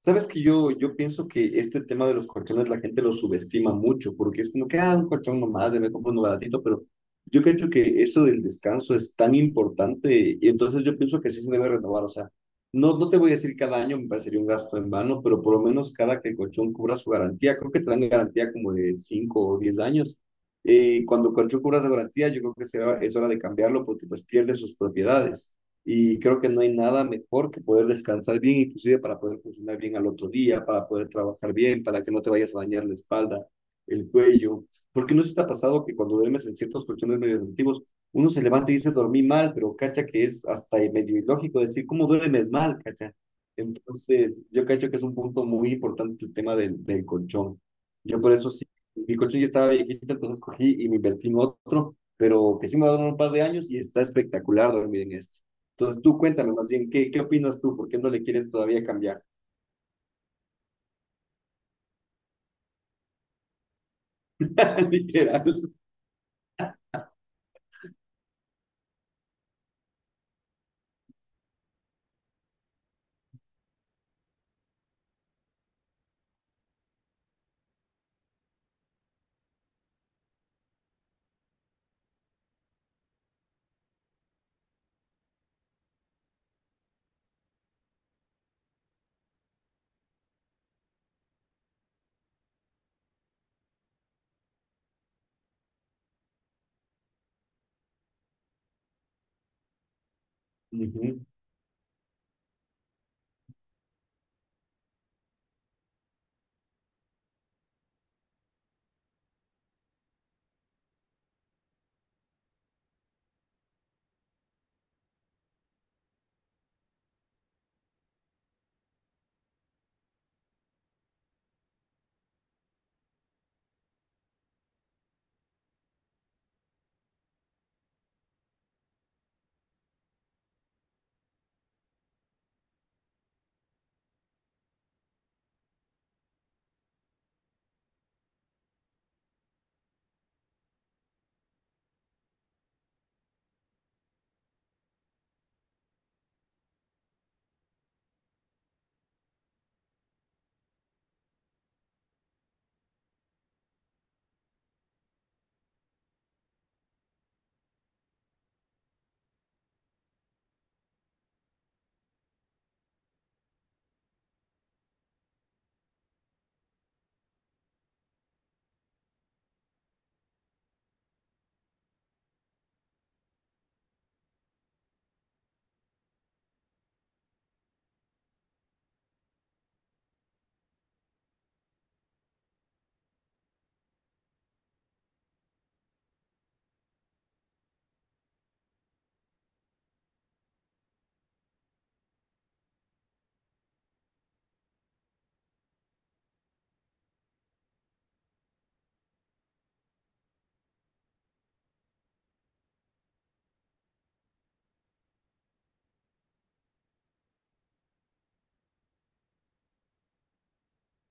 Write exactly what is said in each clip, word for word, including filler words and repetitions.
Sabes que yo, yo pienso que este tema de los colchones la gente lo subestima mucho, porque es como que, ah, un colchón nomás, ya me compro uno baratito, pero yo creo que eso del descanso es tan importante, y entonces yo pienso que sí se debe renovar, o sea, no, no te voy a decir cada año, me parecería un gasto en vano, pero por lo menos cada que el colchón cubra su garantía, creo que te dan garantía como de cinco o diez años, eh, cuando el colchón cubra su garantía, yo creo que se va- es hora de cambiarlo porque pues pierde sus propiedades. Y creo que no hay nada mejor que poder descansar bien, inclusive para poder funcionar bien al otro día, para poder trabajar bien, para que no te vayas a dañar la espalda, el cuello. Porque no se te ha pasado que cuando duermes en ciertos colchones medio antiguos, uno se levanta y dice dormí mal, pero cacha que es hasta medio ilógico decir cómo duermes mal, cacha. Entonces, yo cacho que es un punto muy importante el tema del, del colchón. Yo por eso sí, mi colchón ya estaba viejito, entonces cogí y me invertí en otro, pero que sí me va a durar un par de años y está espectacular dormir en este. Entonces tú cuéntame más bien, ¿qué, qué opinas tú? ¿Por qué no le quieres todavía cambiar? Literal. Ujú.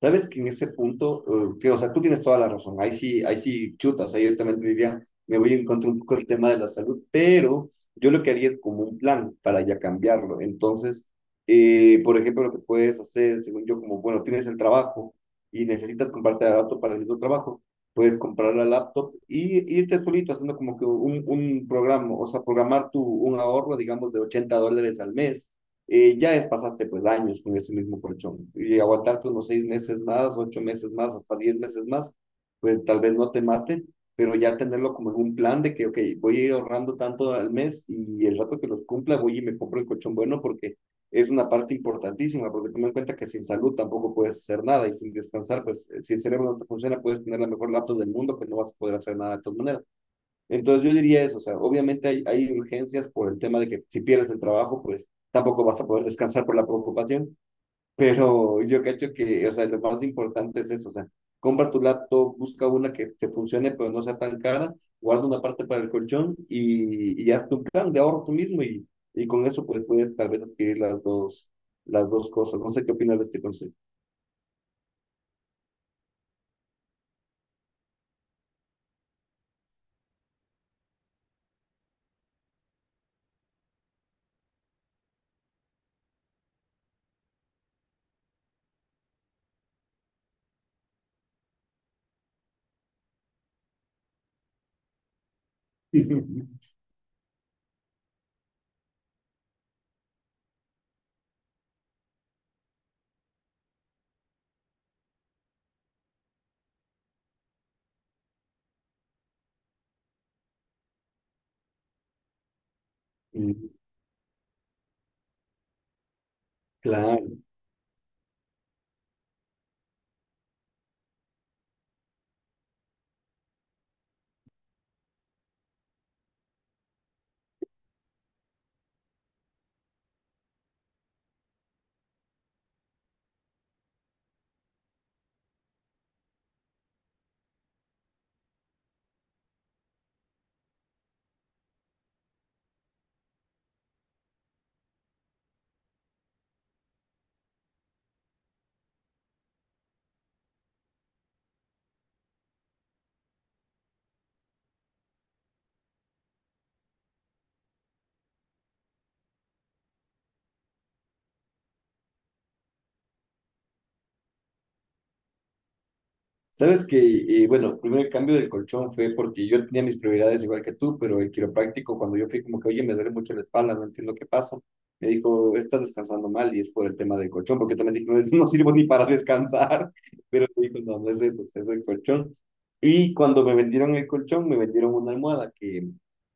Sabes que en ese punto, eh, tío, o sea, tú tienes toda la razón, ahí sí, ahí sí chuta, o sea, yo también te diría, me voy a encontrar un poco el tema de la salud, pero yo lo que haría es como un plan para ya cambiarlo. Entonces, eh, por ejemplo, lo que puedes hacer, según yo, como, bueno, tienes el trabajo y necesitas comprarte la laptop para el mismo trabajo, puedes comprar la laptop y irte solito haciendo como que un, un programa, o sea, programar tu, un ahorro, digamos, de ochenta dólares al mes. Eh, ya pasaste pues años con ese mismo colchón y aguantarte unos seis meses más, ocho meses más, hasta diez meses más, pues tal vez no te mate, pero ya tenerlo como en un plan de que, ok, voy a ir ahorrando tanto al mes y el rato que los cumpla voy y me compro el colchón bueno porque es una parte importantísima, porque toma en cuenta que sin salud tampoco puedes hacer nada y sin descansar, pues eh, si el cerebro no te funciona, puedes tener la mejor laptop del mundo, que no vas a poder hacer nada de todas maneras. Entonces yo diría eso, o sea, obviamente hay, hay urgencias por el tema de que si pierdes el trabajo, pues tampoco vas a poder descansar por la preocupación, pero yo cacho que, o sea, lo más importante es eso, o sea, compra tu laptop, busca una que te funcione, pero no sea tan cara, guarda una parte para el colchón y, y haz tu plan de ahorro tú mismo y, y con eso pues puedes tal vez adquirir las dos, las dos cosas. No sé qué opinas de este consejo. Mm, Claro. Sabes que, eh, bueno, primero el primer cambio del colchón fue porque yo tenía mis prioridades igual que tú, pero el quiropráctico, cuando yo fui como que, oye, me duele mucho la espalda, no entiendo qué pasa, me dijo, estás descansando mal y es por el tema del colchón, porque también dije, no, es- no sirvo ni para descansar, pero me dijo, no, no es eso, es el colchón. Y cuando me vendieron el colchón, me vendieron una almohada que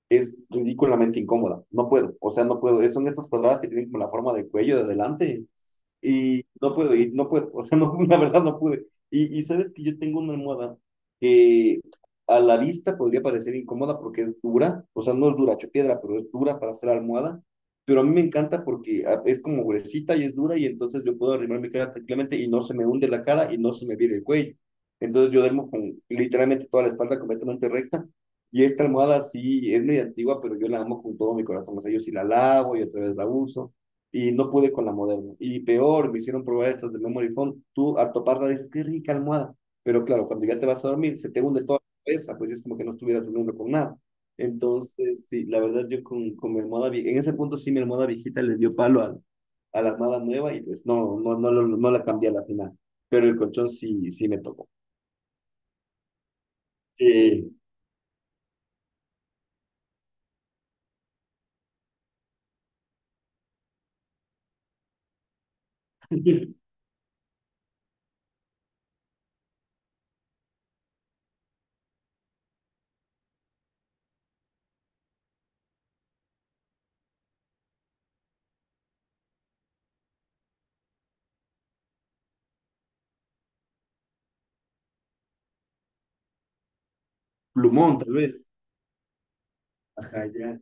es ridículamente incómoda, no puedo, o sea, no puedo, son estas cuadradas que tienen como la forma del cuello de adelante, y no puedo ir, no puedo, o sea, no, la verdad no pude. Y, y sabes que yo tengo una almohada que a la vista podría parecer incómoda porque es dura, o sea, no es dura, hecho piedra, pero es dura para hacer almohada. Pero a mí me encanta porque ah, es como gruesita y es dura y entonces yo puedo arrimar mi cara tranquilamente y no se me hunde la cara y no se me vira el cuello. Entonces yo duermo con literalmente toda la espalda completamente recta. Y esta almohada sí es medio antigua, pero yo la amo con todo mi corazón. O sea, yo sí la lavo y otra vez la uso y no pude con la moderna. Y peor, me hicieron probar estas de memory foam. Tú al toparla dices, qué rica almohada. Pero claro, cuando ya te vas a dormir, se te hunde toda la cabeza, pues es como que no estuvieras durmiendo con nada. Entonces, sí, la verdad yo con, con mi almohada, vie- en ese punto sí mi almohada viejita le dio palo al, a la almohada nueva y pues no, no, no, lo- no la cambié a la final. Pero el colchón sí, sí me tocó. Sí. Plumón, tal vez. Ajá, ya.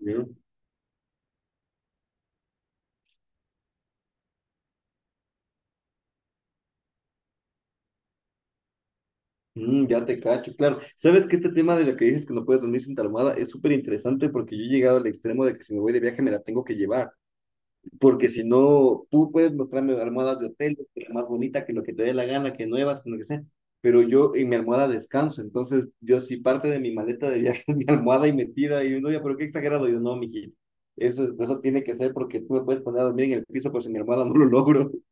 ¿No? Mm, ya te cacho, claro. Sabes que este tema de lo que dices que no puedes dormir sin tu almohada es súper interesante porque yo he llegado al extremo de que si me voy de viaje me la tengo que llevar, porque si no, tú puedes mostrarme almohadas de hotel, que la más bonita, que lo que te dé la gana, que nuevas, que lo que sea, pero yo en mi almohada descanso, entonces yo sí parte de mi maleta de viaje es mi almohada y metida y uno ya, pero qué exagerado, yo no, mijito. Eso, es- eso tiene que ser porque tú me puedes poner a dormir en el piso, pero sin mi almohada no lo logro.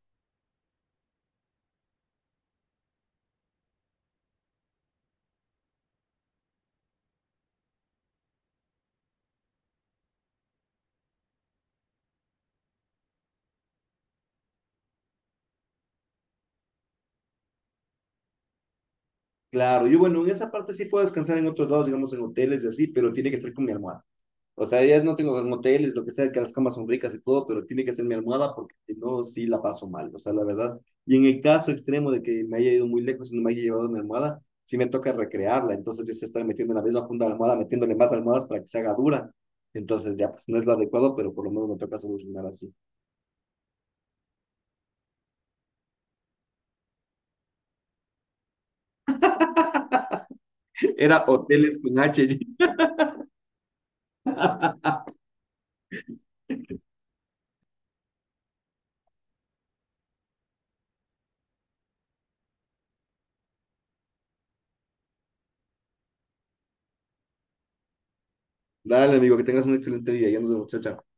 Claro, yo bueno, en esa parte sí puedo descansar en otros lados, digamos en hoteles y así, pero tiene que ser con mi almohada. O sea, ya no tengo en lo que sea, que las camas son ricas y todo, pero tiene que ser mi almohada porque si no, sí la paso mal. O sea, la verdad. Y en el caso extremo de que me haya ido muy lejos y no me haya llevado mi almohada, sí me toca recrearla. Entonces yo sé estar metiendo en la misma funda de la almohada, metiéndole más almohadas para que se haga dura. Entonces ya, pues no es lo adecuado, pero por lo menos me toca solucionar así. Era hoteles con H. Dale, amigo, que tengas un excelente día. Ya nos vemos, chao, chao.